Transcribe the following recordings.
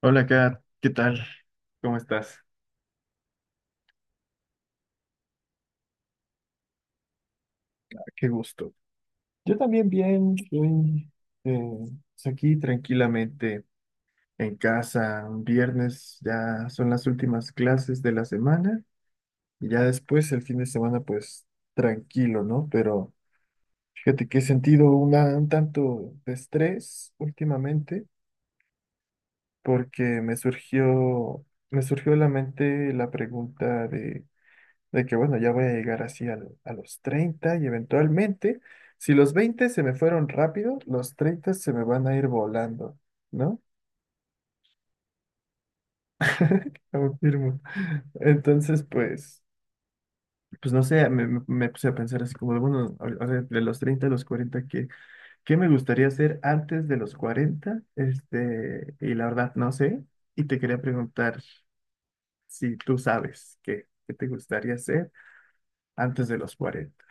Hola, Kat, ¿qué tal? ¿Cómo estás? Qué gusto. Yo también bien, estoy eh, pues aquí tranquilamente en casa. Un viernes, ya son las últimas clases de la semana y ya después el fin de semana, pues tranquilo, ¿no? Pero fíjate que he sentido un tanto de estrés últimamente porque me surgió a la mente la pregunta de... bueno, ya voy a llegar así a los 30 y, eventualmente, si los 20 se me fueron rápido, los 30 se me van a ir volando, ¿no? Confirmo. Entonces, pues, pues no sé, me puse a pensar así como, de, bueno, a ver, de los 30 a los 40, ¿qué me gustaría hacer antes de los 40? Este, y la verdad, no sé. Y te quería preguntar si tú sabes qué te gustaría hacer antes de los 40.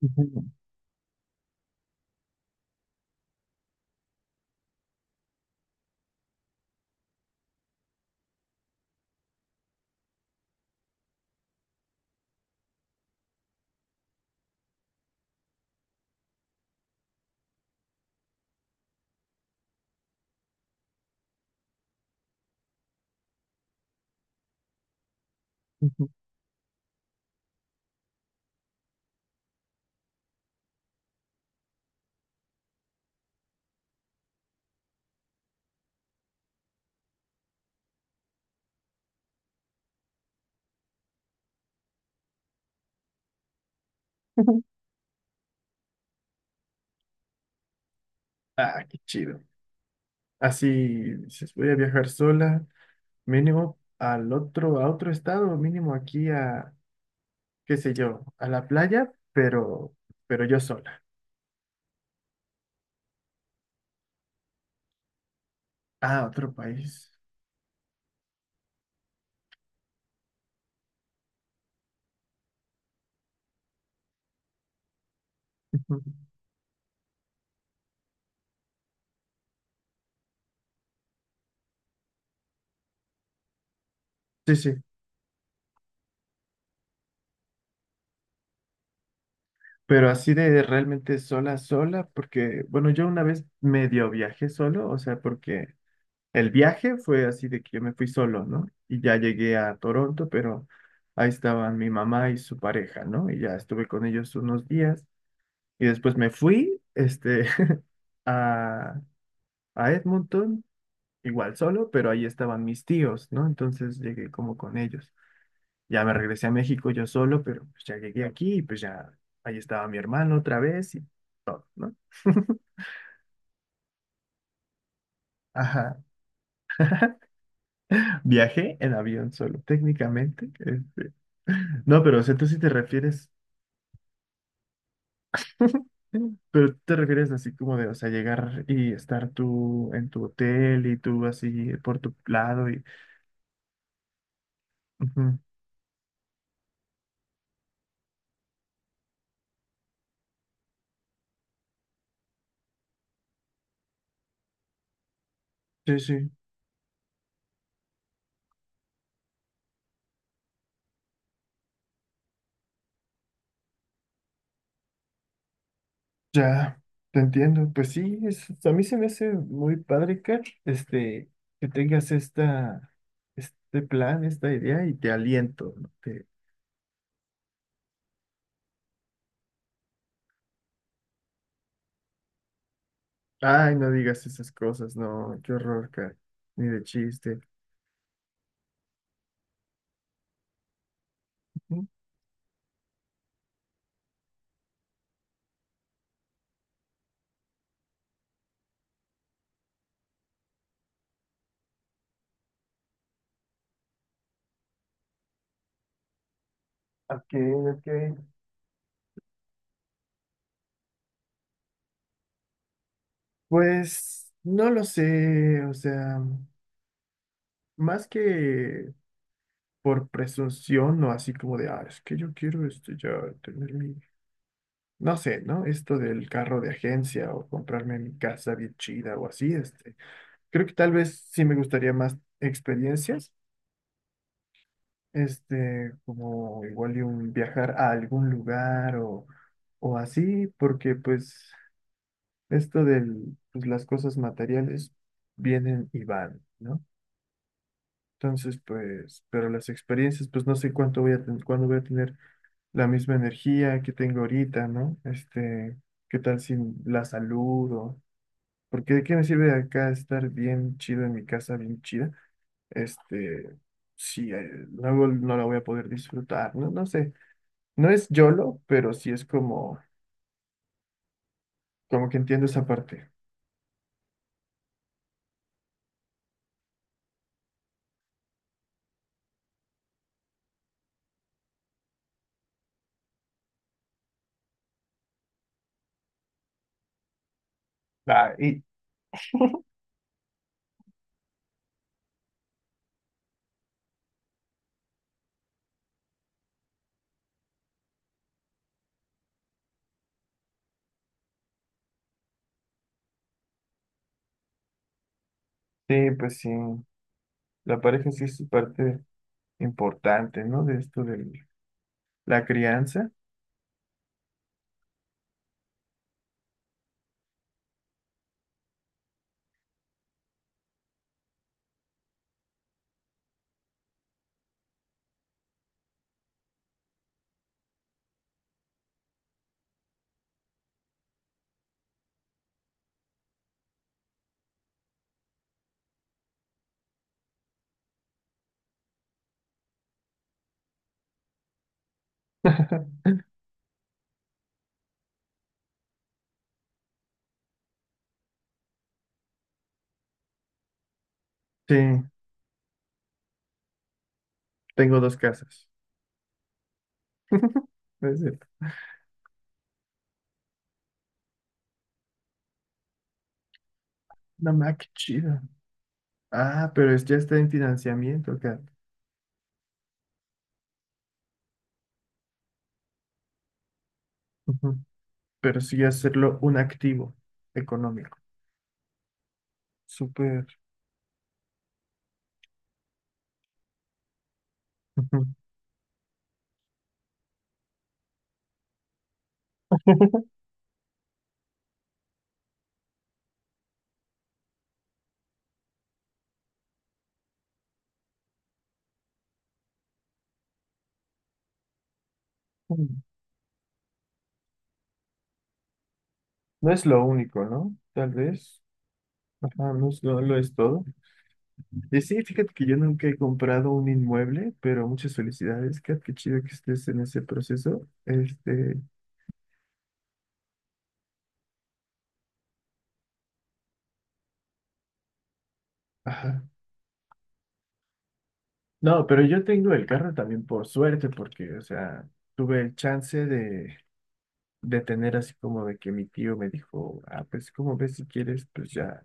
Ujú, ujú. Ah, qué chido. Así, dices, voy a viajar sola, mínimo a otro estado, mínimo aquí a, qué sé yo, a la playa, pero yo sola. Ah, otro país. Ujú. Sí, sí. Pero así de realmente sola, sola, porque, bueno, yo una vez medio viajé solo, o sea, porque el viaje fue así de que yo me fui solo, ¿no? Y ya llegué a Toronto, pero ahí estaban mi mamá y su pareja, ¿no? Y ya estuve con ellos unos días. Y después me fui, este, a, a Edmonton, igual solo, pero ahí estaban mis tíos, ¿no? Entonces llegué como con ellos. Ya me regresé a México yo solo, pero pues ya llegué aquí y pues ya ahí estaba mi hermano otra vez y todo, ¿no? Ajá. Viajé en avión solo, técnicamente. Este, no, pero o sea, tú sí te refieres, pero tú te refieres así como de, o sea, llegar y estar tú en tu hotel y tú así por tu lado y... Ujú. Sí, sí. Ya, te entiendo. Pues sí, es, a mí se me hace muy padre, Kat, este, que tengas esta, este plan, esta idea y te aliento, ¿no? Te... Ay, no digas esas cosas, no, qué horror, Kat, ni de chiste. Ujú. Ok, ok. Pues no lo sé, o sea, más que por presunción o así como de, ah, es que yo quiero este, ya tener mi... no sé, ¿no? Esto del carro de agencia o comprarme mi casa bien chida o así, este, creo que tal vez sí me gustaría más experiencias, este, como igual y un viajar a algún lugar o así, porque pues esto del, pues las cosas materiales vienen y van, ¿no? Entonces, pues, pero las experiencias, pues no sé cuánto voy a ten- cuándo voy a tener la misma energía que tengo ahorita, ¿no? Este, ¿qué tal si la salud o... porque de qué me sirve acá estar bien chido en mi casa, bien chida, este, si luego no la voy a poder disfrutar, no, no sé. No es YOLO, pero sí es como, como que entiendo esa parte. Ah, y sí, pues sí, la pareja sí es parte importante, ¿no? De esto de la crianza. Sí, tengo dos casas. Es de, no, ma, qué chido. Ah, pero es, ya está en financiamiento acá. Ujú. Pero sí hacerlo un activo económico. Súper. Ujú. Mm. No es lo único, ¿no? Tal vez. Ajá, no es, no lo es todo. Y sí, fíjate que yo nunca he comprado un inmueble, pero muchas felicidades, Kat, qué chido que estés en ese proceso. Este, ajá. No, pero yo tengo el carro también por suerte, porque, o sea, tuve el chance de tener así como de que mi tío me dijo, ah, pues, como ves si quieres? Pues ya.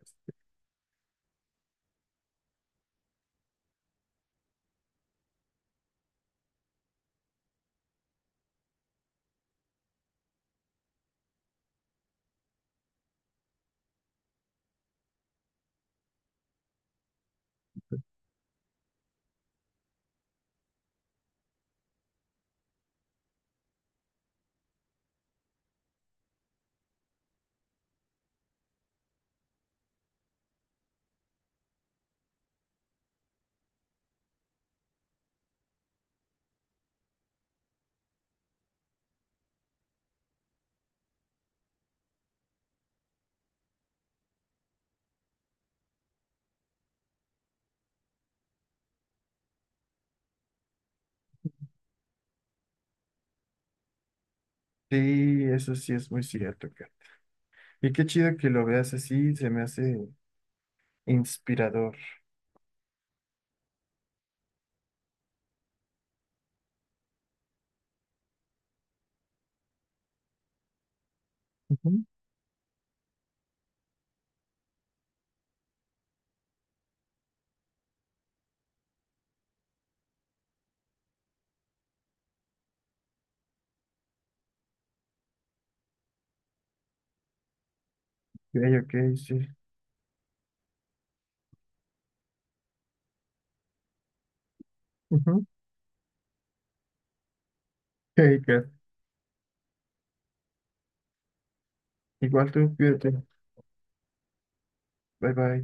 Sí, eso sí es muy cierto, Kat. Y qué chido que lo veas así, se me hace inspirador. Ujú. Ok, ok, sí. Ujú. Ok, Kat. Igual tú, cuídate. Bye bye.